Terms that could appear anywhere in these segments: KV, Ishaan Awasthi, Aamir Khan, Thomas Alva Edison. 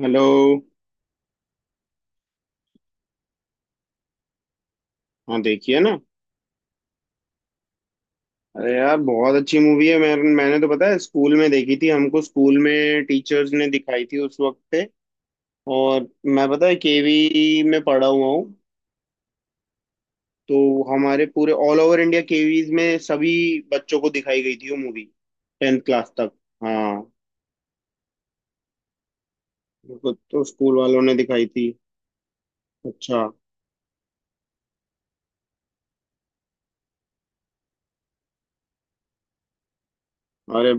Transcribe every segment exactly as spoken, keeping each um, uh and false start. Hello. हाँ, देखिए ना। अरे यार, बहुत अच्छी मूवी है। मैं मैंने तो, पता है, स्कूल में देखी थी। हमको स्कूल में टीचर्स ने दिखाई थी उस वक्त पे। और मैं, पता है, केवी में पढ़ा हुआ हूँ। तो हमारे पूरे ऑल ओवर इंडिया केवीज में सभी बच्चों को दिखाई गई थी वो मूवी, टेंथ क्लास तक। हाँ। मेरे को तो स्कूल वालों ने दिखाई थी। अच्छा। अरे,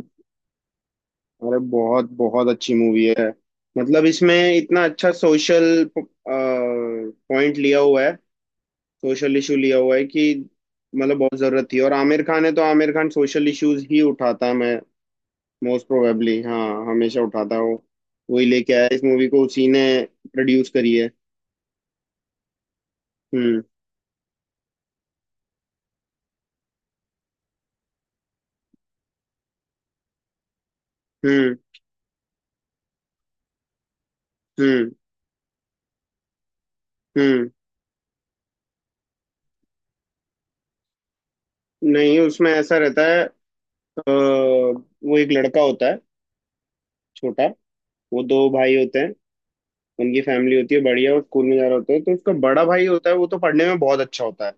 अरे बहुत बहुत अच्छी मूवी है। मतलब, इसमें इतना अच्छा सोशल पॉइंट लिया हुआ है, सोशल इशू लिया हुआ है कि, मतलब, बहुत जरूरत थी। और आमिर खान है तो आमिर खान सोशल इश्यूज ही उठाता है। मैं मोस्ट प्रोबेबली, हाँ, हमेशा उठाता है वो। वही लेके आया है इस मूवी को, उसी ने प्रोड्यूस करी है। हम्म। हम्म। हम्म। हम्म। नहीं, उसमें ऐसा रहता है अ, वो एक लड़का होता है, छोटा। वो दो भाई होते हैं। उनकी फैमिली होती है बढ़िया। वो स्कूल में जा रहा होता है तो उसका बड़ा भाई होता है, वो तो पढ़ने में बहुत अच्छा होता है।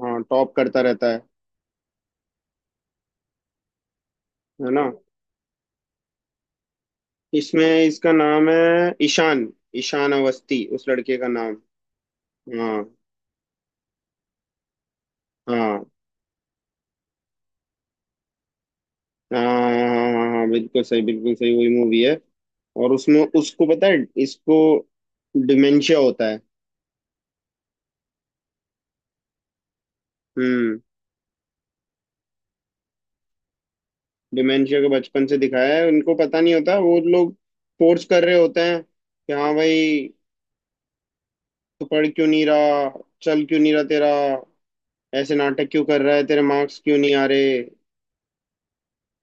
हाँ, टॉप करता रहता है है ना। इसमें इसका नाम है ईशान। ईशान अवस्थी उस लड़के का नाम। हाँ हाँ। हाँ हाँ। हाँ हाँ, बिल्कुल सही, बिल्कुल सही, वही मूवी है। और उसमें उसको, पता है, इसको डिमेंशिया होता है। हम्म, डिमेंशिया के बचपन से दिखाया है। उनको पता नहीं होता, वो लोग फोर्स कर रहे होते हैं कि हाँ भाई, तू पढ़ क्यों नहीं रहा, चल क्यों नहीं रहा तेरा, ऐसे नाटक क्यों कर रहा है, तेरे मार्क्स क्यों नहीं आ रहे।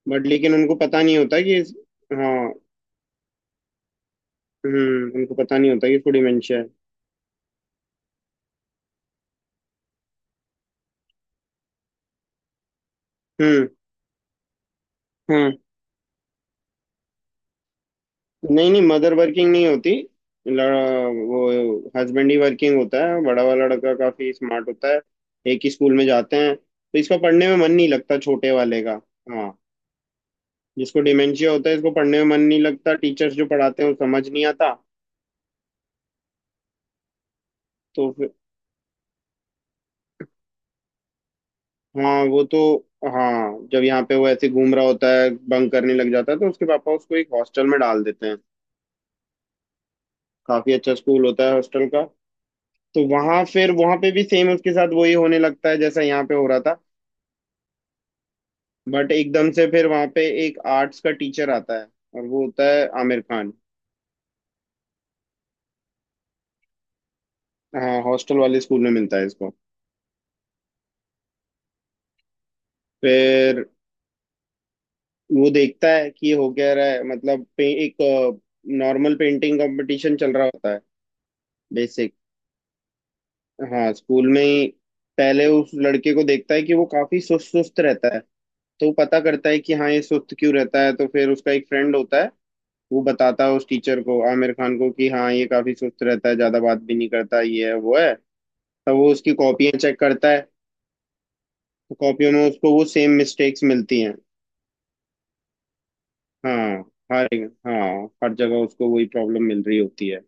बट लेकिन उनको पता नहीं होता कि इस- हाँ। हम्म, उनको पता नहीं होता कि उसको डिमेंशिया है। हम्म। हम्म। नहीं नहीं, मदर वर्किंग नहीं होती। लड़ा, वो हस्बैंड ही वर्किंग होता है। बड़ा वाला लड़का काफी स्मार्ट होता है। एक ही स्कूल में जाते हैं तो इसका पढ़ने में मन नहीं लगता, छोटे वाले का। हाँ, जिसको डिमेंशिया होता है इसको पढ़ने में मन नहीं लगता, टीचर्स जो पढ़ाते हैं वो समझ नहीं आता। तो फिर, हाँ वो तो, हाँ जब यहाँ पे वो ऐसे घूम रहा होता है, बंक करने लग जाता है, तो उसके पापा उसको एक हॉस्टल में डाल देते हैं। काफी अच्छा स्कूल होता है हॉस्टल का। तो वहां फिर वहां पे भी सेम उसके साथ वही होने लगता है जैसा यहाँ पे हो रहा था। बट एकदम से फिर वहां पे एक आर्ट्स का टीचर आता है, और वो होता है आमिर खान। हाँ, हॉस्टल वाले स्कूल में मिलता है इसको। फिर वो देखता है कि ये हो क्या रहा है। मतलब पे, एक नॉर्मल पेंटिंग कंपटीशन चल रहा होता है, बेसिक। हाँ, स्कूल में ही पहले उस लड़के को देखता है कि वो काफी सुस्त सुस्त रहता है। तो वो पता करता है कि हाँ ये सुस्त क्यों रहता है। तो फिर उसका एक फ्रेंड होता है, वो बताता है उस टीचर को, आमिर खान को कि हाँ, ये काफी सुस्त रहता है, ज्यादा बात भी नहीं करता, ये है वो है। तब वो उसकी कॉपियां चेक करता है। तो कॉपियों में उसको वो सेम मिस्टेक्स मिलती हैं। हाँ। हर हाँ, हर जगह उसको वही प्रॉब्लम मिल रही होती है।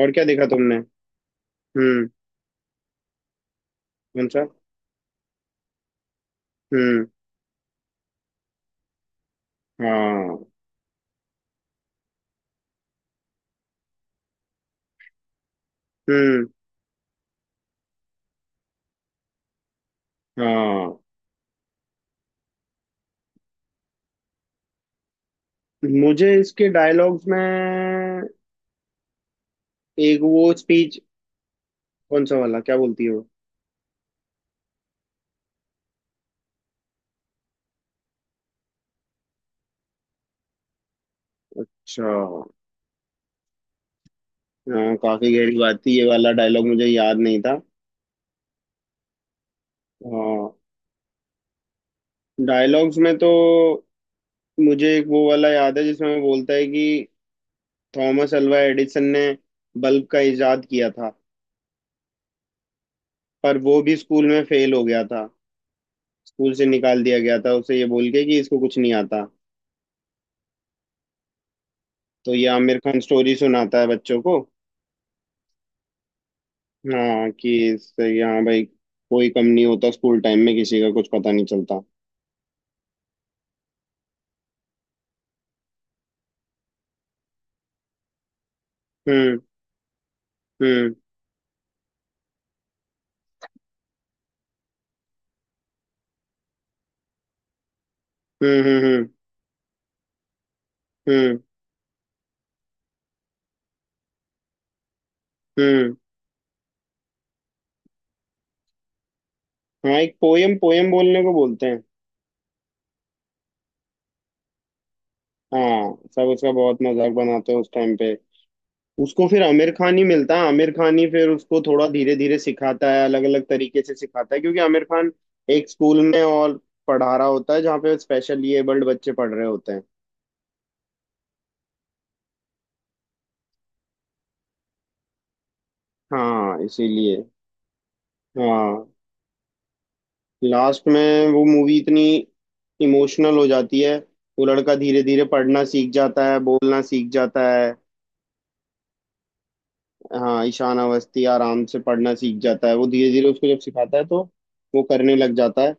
और क्या देखा तुमने। हम्म। कौन सा। हम्म। हाँ। हम्म। हाँ, मुझे इसके डायलॉग्स में एक वो स्पीच। कौन सा वाला, क्या बोलती है वो। अच्छा। हाँ, काफी गहरी बात थी, ये वाला डायलॉग मुझे याद नहीं था। हाँ। डायलॉग्स में तो मुझे एक वो वाला याद है जिसमें वो बोलता है कि थॉमस अल्वा एडिसन ने बल्ब का इजाद किया था, पर वो भी स्कूल में फेल हो गया था, स्कूल से निकाल दिया गया था उसे, ये बोल के कि इसको कुछ नहीं आता। तो ये आमिर खान स्टोरी सुनाता है बच्चों को। हाँ, कि इससे यहाँ भाई कोई कम नहीं होता, स्कूल टाइम में किसी का कुछ पता नहीं चलता। हम्म। हम्म। हम्म। हम्म। हम्म। हम्म। हम्म। हाँ, एक पोयम पोयम बोलने को बोलते हैं। हाँ, सब उसका बहुत मजाक बनाते हैं उस टाइम पे। उसको फिर आमिर खान ही मिलता है। आमिर खान ही फिर उसको थोड़ा धीरे धीरे सिखाता है, अलग अलग तरीके से सिखाता है, क्योंकि आमिर खान एक स्कूल में और पढ़ा रहा होता है जहाँ पे स्पेशली एबल्ड बच्चे पढ़ रहे होते हैं। हाँ, इसीलिए। हाँ, लास्ट में वो मूवी इतनी इमोशनल हो जाती है। वो लड़का धीरे धीरे पढ़ना सीख जाता है, बोलना सीख जाता है। हाँ, ईशान अवस्थी आराम से पढ़ना सीख जाता है। वो धीरे धीरे उसको जब सिखाता है तो वो करने लग जाता है,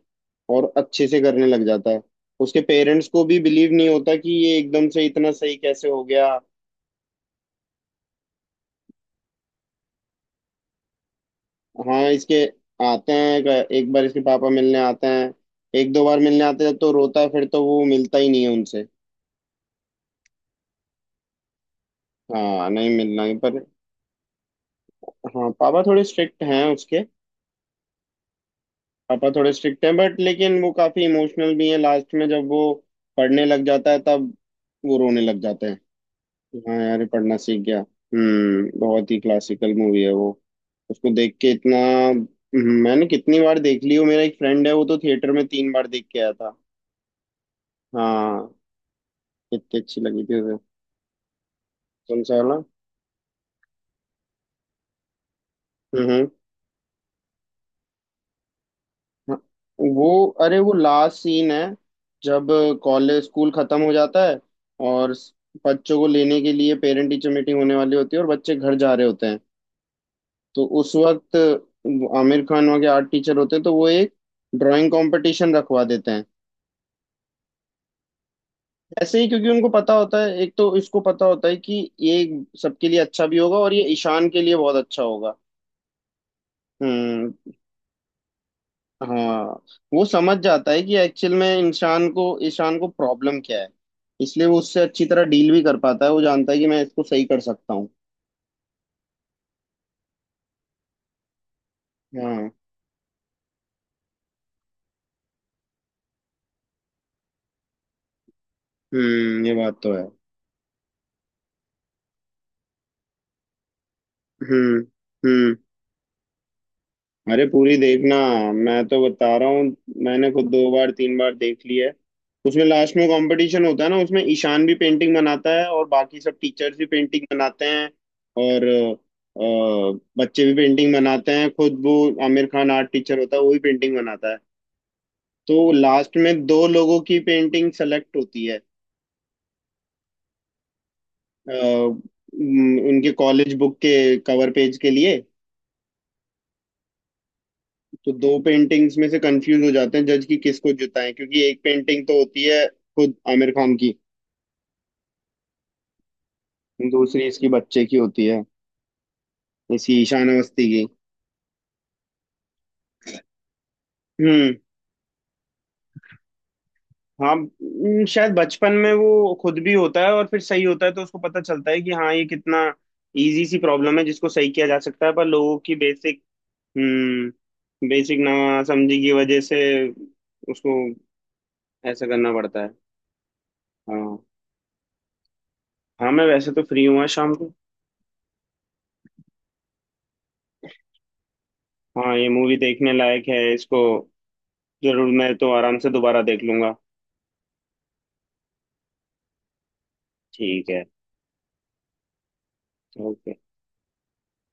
और अच्छे से करने लग जाता है। उसके पेरेंट्स को भी बिलीव नहीं होता कि ये एकदम से इतना सही कैसे हो गया। हाँ, इसके आते हैं। एक बार इसके पापा मिलने आते हैं, एक दो बार मिलने आते हैं तो रोता है, फिर तो वो मिलता ही नहीं है उनसे। हाँ, नहीं मिलना ही, पर। हाँ, पापा थोड़े स्ट्रिक्ट हैं उसके। पापा थोड़े स्ट्रिक्ट हैं, बट लेकिन वो काफी इमोशनल भी हैं। लास्ट में जब वो पढ़ने लग जाता है तब वो रोने लग जाते हैं कि हाँ यार, ये पढ़ना सीख गया। हम्म, बहुत ही क्लासिकल मूवी है वो। उसको देख के इतना, हम्म, मैंने कितनी बार देख ली हूँ। मेरा एक फ्रेंड है, वो तो थिएटर में तीन बार देख के आया था। हाँ, कितनी अच्छी लगी थी उसे। कौन सा वाला। हम्म। हाँ, वो अरे वो लास्ट सीन है जब कॉलेज स्कूल खत्म हो जाता है, और स- बच्चों को लेने के लिए पेरेंट टीचर मीटिंग होने वाली होती है और बच्चे घर जा रहे होते हैं। तो उस वक्त आमिर खान वहाँ के आर्ट टीचर होते हैं, तो वो एक ड्राइंग कंपटीशन रखवा देते हैं। ऐसे ही, क्योंकि उनको पता होता है, एक तो इसको पता होता है कि ये सबके लिए अच्छा भी होगा और ये ईशान के लिए बहुत अच्छा होगा। हम्म। हाँ, वो समझ जाता है कि एक्चुअल में इंसान को इंसान को प्रॉब्लम क्या है। इसलिए वो उससे अच्छी तरह डील भी कर पाता है, वो जानता है कि मैं इसको सही कर सकता हूँ। हाँ। हम्म, ये बात तो है। हम्म। हम्म। अरे, पूरी देखना। मैं तो बता रहा हूँ, मैंने खुद दो बार तीन बार देख ली है। उसमें लास्ट में कंपटीशन होता है ना, उसमें ईशान भी पेंटिंग बनाता है और बाकी सब टीचर्स भी पेंटिंग बनाते हैं। और अ, बच्चे भी पेंटिंग बनाते हैं, खुद वो। आमिर खान आर्ट टीचर होता है, वो भी पेंटिंग बनाता है। तो लास्ट में दो लोगों की पेंटिंग सेलेक्ट होती है, अ, उम, उनके कॉलेज बुक के कवर पेज के लिए। तो दो पेंटिंग्स में से कंफ्यूज हो जाते हैं जज, कि किसको जिताएं, क्योंकि एक पेंटिंग तो होती है खुद आमिर खान की, दूसरी इसकी बच्चे की होती है, इसकी ईशान अवस्थी की। हम्म। हाँ, उम, शायद बचपन में वो खुद भी होता है और फिर सही होता है तो उसको पता चलता है कि हाँ, ये कितना इजी सी प्रॉब्लम है जिसको सही किया जा सकता है, पर लोगों की बेसिक, हम्म, बेसिक नासमझी की वजह से उसको ऐसा करना पड़ता है। हाँ। हाँ, मैं वैसे तो फ्री हूँ आज शाम को। हाँ, ये मूवी देखने लायक है इसको। जरूर, मैं तो आराम से दोबारा देख लूंगा। ठीक है। ओके।